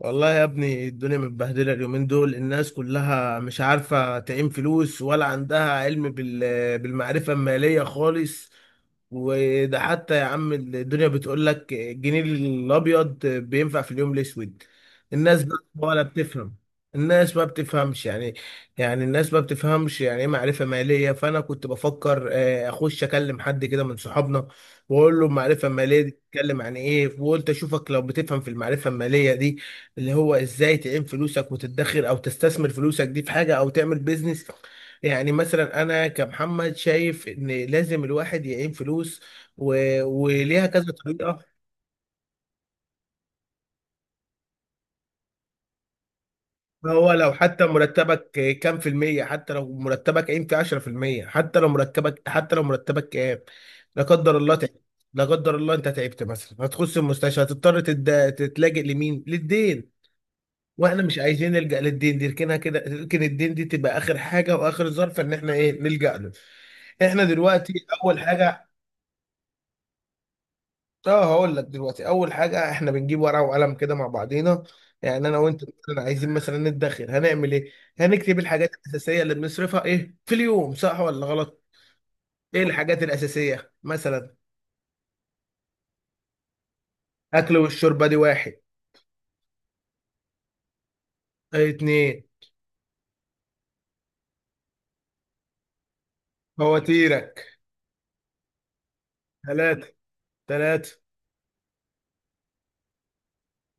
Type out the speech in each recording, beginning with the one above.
والله يا ابني الدنيا متبهدلة اليومين دول، الناس كلها مش عارفة تعين فلوس ولا عندها علم بالمعرفة المالية خالص. وده حتى يا عم، الدنيا بتقول لك الجنيه الأبيض بينفع في اليوم الأسود. الناس بقى ولا بتفهم. الناس ما بتفهمش يعني الناس ما بتفهمش يعني ايه معرفة مالية. فأنا كنت بفكر أخش أكلم حد كده من صحابنا وأقول له المعرفة المالية دي بتتكلم عن إيه، وقلت أشوفك لو بتفهم في المعرفة المالية دي اللي هو ازاي تعين فلوسك وتدخر او تستثمر فلوسك دي في حاجه او تعمل بيزنس. يعني مثلا انا كمحمد شايف ان لازم الواحد يعين فلوس و... وليها كذا طريقه. هو لو حتى مرتبك كام في المية، حتى لو مرتبك قيمة فيه 10%، حتى لو مرتبك كام، لا قدر الله تعبت. لا قدر الله انت تعبت، مثلا هتخش المستشفى، هتضطر تتلاجئ لمين؟ للدين. واحنا مش عايزين نلجأ للدين دي، لكنها كده، لكن الدين دي تبقى اخر حاجه واخر ظرف ان احنا ايه نلجأ له. احنا دلوقتي اول حاجه. اه هقول لك دلوقتي، اول حاجه احنا بنجيب ورقه وقلم كده مع بعضينا. يعني انا وانت مثلا عايزين مثلا ندخر، هنعمل ايه؟ هنكتب الحاجات الاساسيه اللي بنصرفها ايه في اليوم، صح ولا غلط؟ ايه الحاجات الاساسيه مثلا؟ اكل والشرب دي واحد. ايه اتنين؟ فواتيرك. تلاتة. تلاتة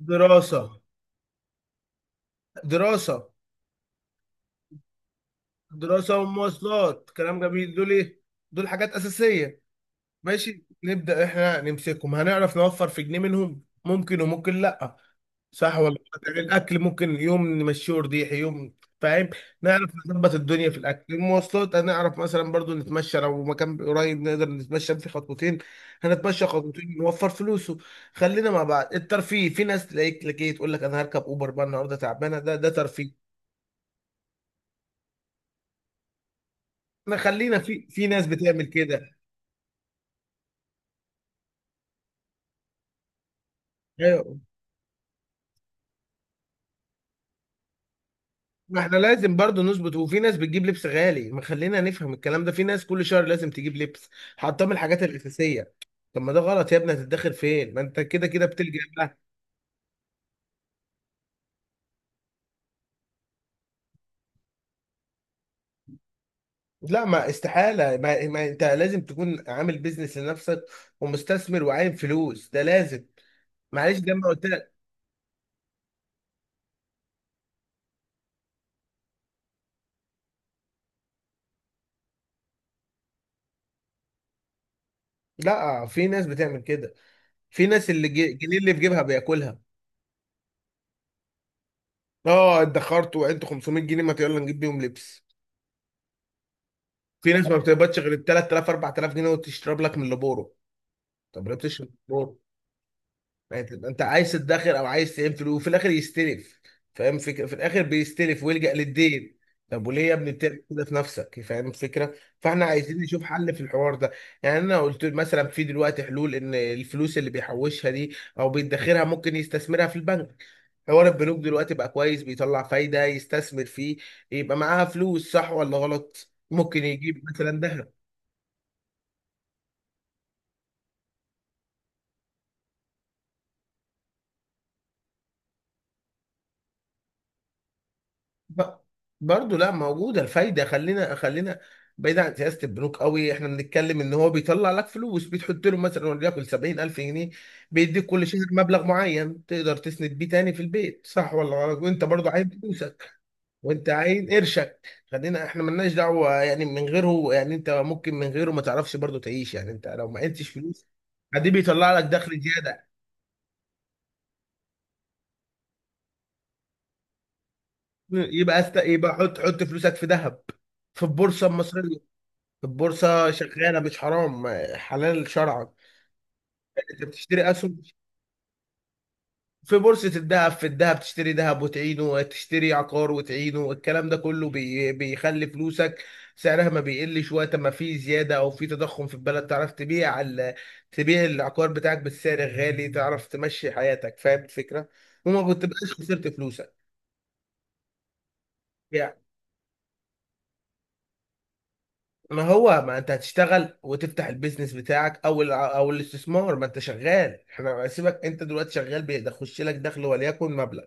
دراسه. دراسه. دراسة ومواصلات، كلام جميل. دول ايه؟ دول حاجات أساسية. ماشي، نبدأ احنا نمسكهم، هنعرف نوفر في جنيه منهم، ممكن وممكن لأ. صح ولا غلط؟ الأكل ممكن يوم نمشيه ورديح يوم. فاهم؟ نعرف نظبط الدنيا في الأكل. المواصلات هنعرف مثلا برضو نتمشى، لو مكان قريب نقدر نتمشى في خطوتين. هنتمشى خطوتين نوفر فلوسه. خلينا مع بعض. الترفيه، في ناس تلاقيك لك ايه تقول لك انا هركب اوبر بقى النهارده تعبانه، ده ده ترفيه. ما خلينا، في ناس بتعمل كده. ايوه، ما احنا لازم برضو نظبط، وفي ناس بتجيب لبس غالي، ما خلينا نفهم الكلام ده. في ناس كل شهر لازم تجيب لبس، حاطاه من الحاجات الأساسية. طب ما ده غلط يا ابني، هتتدخل فين ما انت كده كده بتلجأ بقى؟ لا، ما استحالة، ما انت لازم تكون عامل بيزنس لنفسك ومستثمر وعايم فلوس، ده لازم. معلش زي ما قلت لك. لا، في ناس بتعمل كده. في ناس اللي الجنيه اللي في جيبها بياكلها. اه ادخرت وعدت 500 جنيه، ما يلا نجيب بيهم لبس. في ناس ما بتقبضش غير ب 3000 4000 جنيه وتشرب لك من لبورو. طب ليه بتشرب بترول؟ يعني انت أنت عايز تدخر او عايز تعمل فلوس وفي الاخر يستلف؟ فاهم فكره؟ في الاخر بيستلف ويلجأ للدين. طب وليه يا ابني بتعمل كده في نفسك؟ فاهم الفكره؟ فاحنا عايزين نشوف حل في الحوار ده. يعني انا قلت مثلا في دلوقتي حلول، ان الفلوس اللي بيحوشها دي او بيدخرها ممكن يستثمرها في البنك. حوار البنوك دلوقتي بقى كويس، بيطلع فايده، يستثمر فيه، يبقى معاها فلوس صح ولا غلط؟ ممكن يجيب مثلا ذهب. ب- برضه لا، موجوده الفايده. خلينا، بعيد عن سياسه البنوك قوي. احنا بنتكلم ان هو بيطلع لك فلوس، بتحط له مثلا وليكن 70000 جنيه، بيديك كل شهر مبلغ معين تقدر تسند بيه تاني في البيت. صح ولا غلط؟ وانت برضه عايز فلوسك، وانت عايز قرشك. خلينا احنا ملناش دعوه يعني من غيره. يعني انت ممكن من غيره ما تعرفش برضه تعيش، يعني انت لو ما عندكش فلوس عادي بيطلع لك دخل زياده. يبقى حط فلوسك في ذهب، في البورصه المصريه. البورصة شغالة مش حرام، حلال شرعا. انت بتشتري اسهم في بورصة الذهب، في الذهب تشتري ذهب وتعينه، تشتري عقار وتعينه، الكلام ده كله بي بيخلي فلوسك سعرها ما بيقلش. وقت ما في زيادة او في تضخم في البلد تعرف تبيع تبيع العقار بتاعك بالسعر الغالي، تعرف تمشي حياتك. فاهم الفكرة؟ وما كنت بقاش خسرت فلوسك. ما هو ما انت هتشتغل وتفتح البيزنس بتاعك او او الاستثمار، ما انت شغال. احنا سيبك، انت دلوقتي شغال، بيخش لك دخل وليكن مبلغ.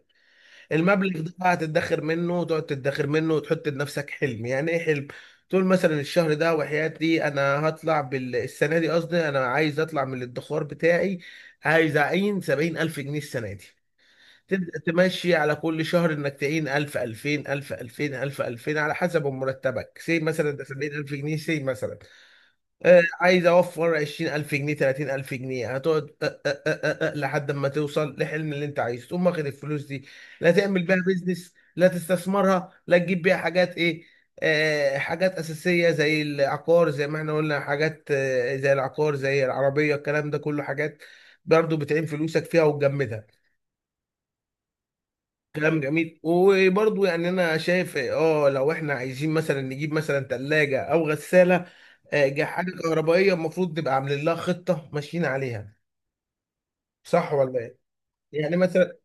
المبلغ ده بقى هتدخر منه، وتقعد تدخر منه وتحط لنفسك حلم. يعني ايه حلم؟ تقول مثلا الشهر ده وحياتي انا هطلع السنه دي، قصدي انا عايز اطلع من الادخار بتاعي عايز اعين سبعين الف جنيه السنه دي. تبدأ تمشي على كل شهر انك تعين 1000 2000 1000 2000 1000 2000 على حسب مرتبك، سي مثلا ده 70000 جنيه سي مثلا. عايز اوفر 20000 جنيه 30000 جنيه، هتقعد أه أه أه أه لحد ما توصل لحلم اللي انت عايزه، تقوم واخد الفلوس دي، لا تعمل بيها بيزنس، لا تستثمرها، لا تجيب بيها حاجات. ايه؟ آه حاجات اساسيه زي العقار، زي ما احنا قلنا حاجات آه زي العقار زي العربيه، الكلام ده كله حاجات برضه بتعين فلوسك فيها وتجمدها. كلام جميل. وبرضه يعني انا شايف اه لو احنا عايزين مثلا نجيب مثلا ثلاجه او غساله، جحافل كهربائيه، المفروض نبقى عاملين لها خطه ماشيين عليها. صح ولا ايه؟ يعني مثلا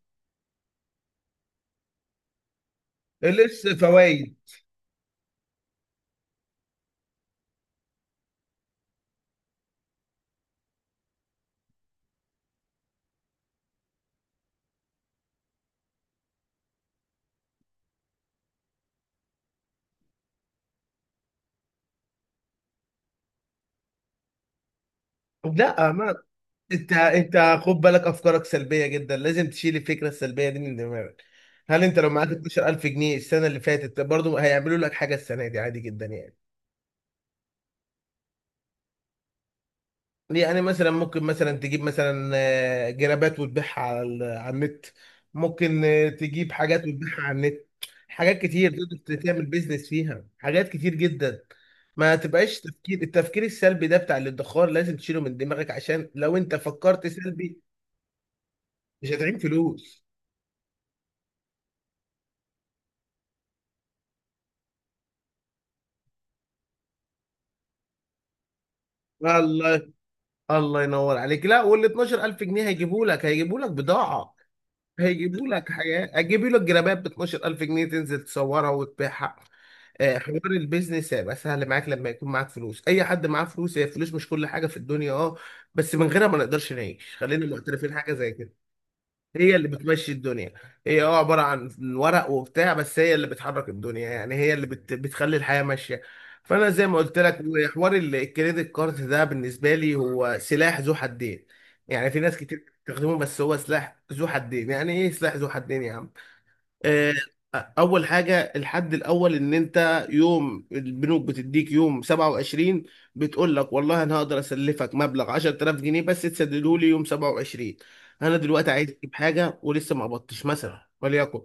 لبس فوائد. لا ما انت، انت خد بالك افكارك سلبيه جدا، لازم تشيل الفكره السلبيه دي من دماغك. هل انت لو معاك 12000 جنيه السنه اللي فاتت برضه هيعملوا لك حاجه السنه دي؟ عادي جدا يعني. يعني مثلا ممكن مثلا تجيب مثلا جرابات وتبيعها على على النت. ممكن تجيب حاجات وتبيعها على النت، حاجات كتير. تقدر تعمل بيزنس فيها حاجات كتير جدا. ما تبقاش تفكير، التفكير السلبي ده بتاع الادخار لازم تشيله من دماغك، عشان لو انت فكرت سلبي مش هتعين فلوس. الله. الله ينور عليك. لا، وال 12000 جنيه هيجيبوا لك بضاعة، هيجيبوا لك حاجات، هيجيبوا لك جرابات ب 12000 جنيه، تنزل تصورها وتبيعها. حوار البيزنس هيبقى سهل معاك لما يكون معاك فلوس. اي حد معاه فلوس، هي الفلوس مش كل حاجه في الدنيا اه، بس من غيرها ما نقدرش نعيش، خلينا معترفين حاجه زي كده. هي اللي بتمشي الدنيا. هي اه عبارة عن ورق وبتاع، بس هي اللي بتحرك الدنيا، يعني هي اللي بتخلي الحياة ماشية. فأنا زي ما قلت لك، وحوار الكريدت كارد ده بالنسبة لي هو سلاح ذو حدين. يعني في ناس كتير بتستخدمه بس هو سلاح ذو حدين. يعني ايه سلاح ذو حدين يا عم؟ آه، اول حاجه، الحد الاول ان انت يوم البنوك بتديك يوم 27، بتقول لك والله انا هقدر اسلفك مبلغ 10000 جنيه بس تسدده لي يوم 27. انا دلوقتي عايز اجيب حاجه ولسه ما قبضتش مثلا وليكن،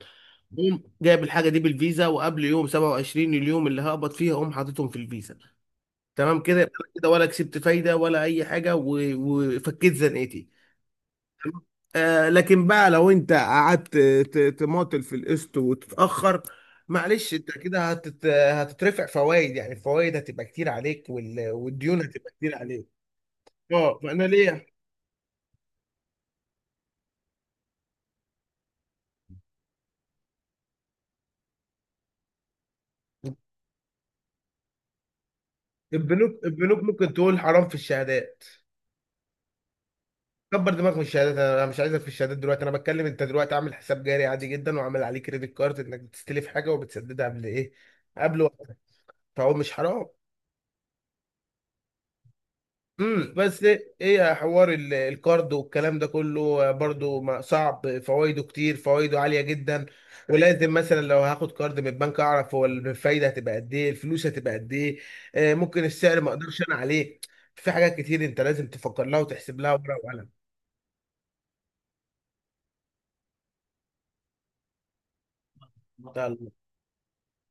قوم جايب الحاجه دي بالفيزا، وقبل يوم 27 اليوم اللي هقبض فيها اقوم حاططهم في الفيزا. تمام كده، يبقى أنا كده ولا كسبت فايده ولا اي حاجه، وفكيت زنقتي. لكن بقى لو انت قعدت تماطل في القسط وتتاخر، معلش انت كده هتترفع فوائد، يعني الفوائد هتبقى كتير عليك والديون هتبقى كتير عليك. اه فانا ليه؟ البنوك، البنوك ممكن تقول حرام في الشهادات. كبر دماغك من الشهادات، انا مش عايزك في الشهادات دلوقتي. انا بتكلم انت دلوقتي عامل حساب جاري عادي جدا، وعامل عليه كريدت كارد، انك بتستلف حاجه وبتسددها قبل ايه؟ قبل وقت. فهو مش حرام. امم، بس ايه حوار الكارد والكلام ده كله؟ برضو صعب، فوائده كتير، فوائده عاليه جدا. ولازم مثلا لو هاخد كارد من البنك اعرف هو الفايده هتبقى قد ايه، الفلوس هتبقى قد ايه. ممكن السعر ما اقدرش انا عليه. في حاجات كتير انت لازم تفكر لها وتحسب لها ورقه وقلم.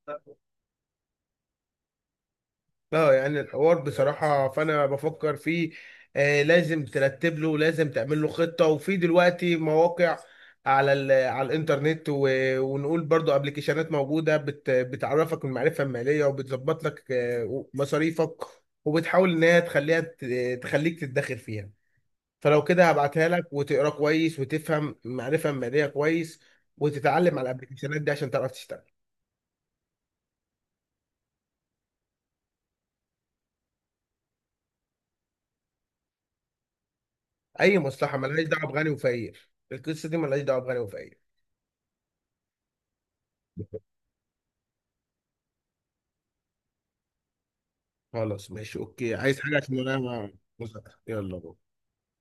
يلا. اه يعني الحوار بصراحة فأنا بفكر فيه. آه لازم ترتب له، لازم تعمل له خطة. وفي دلوقتي مواقع على على الإنترنت، ونقول برضو ابلكيشنات موجودة بتعرفك المعرفة المالية وبتظبط لك مصاريفك، وبتحاول إن هي تخليها تخليك تتدخل فيها. فلو كده هبعتها لك وتقرا كويس وتفهم المعرفة المالية كويس، وتتعلم على الابلكيشنات دي عشان تعرف تشتغل. أي مصلحة ملهاش دعوة بغني وفقير، القصة دي ملهاش دعوة بغني وفقير. خلاص ماشي اوكي، عايز حاجة عشان انا ما مزق. يلا بقى.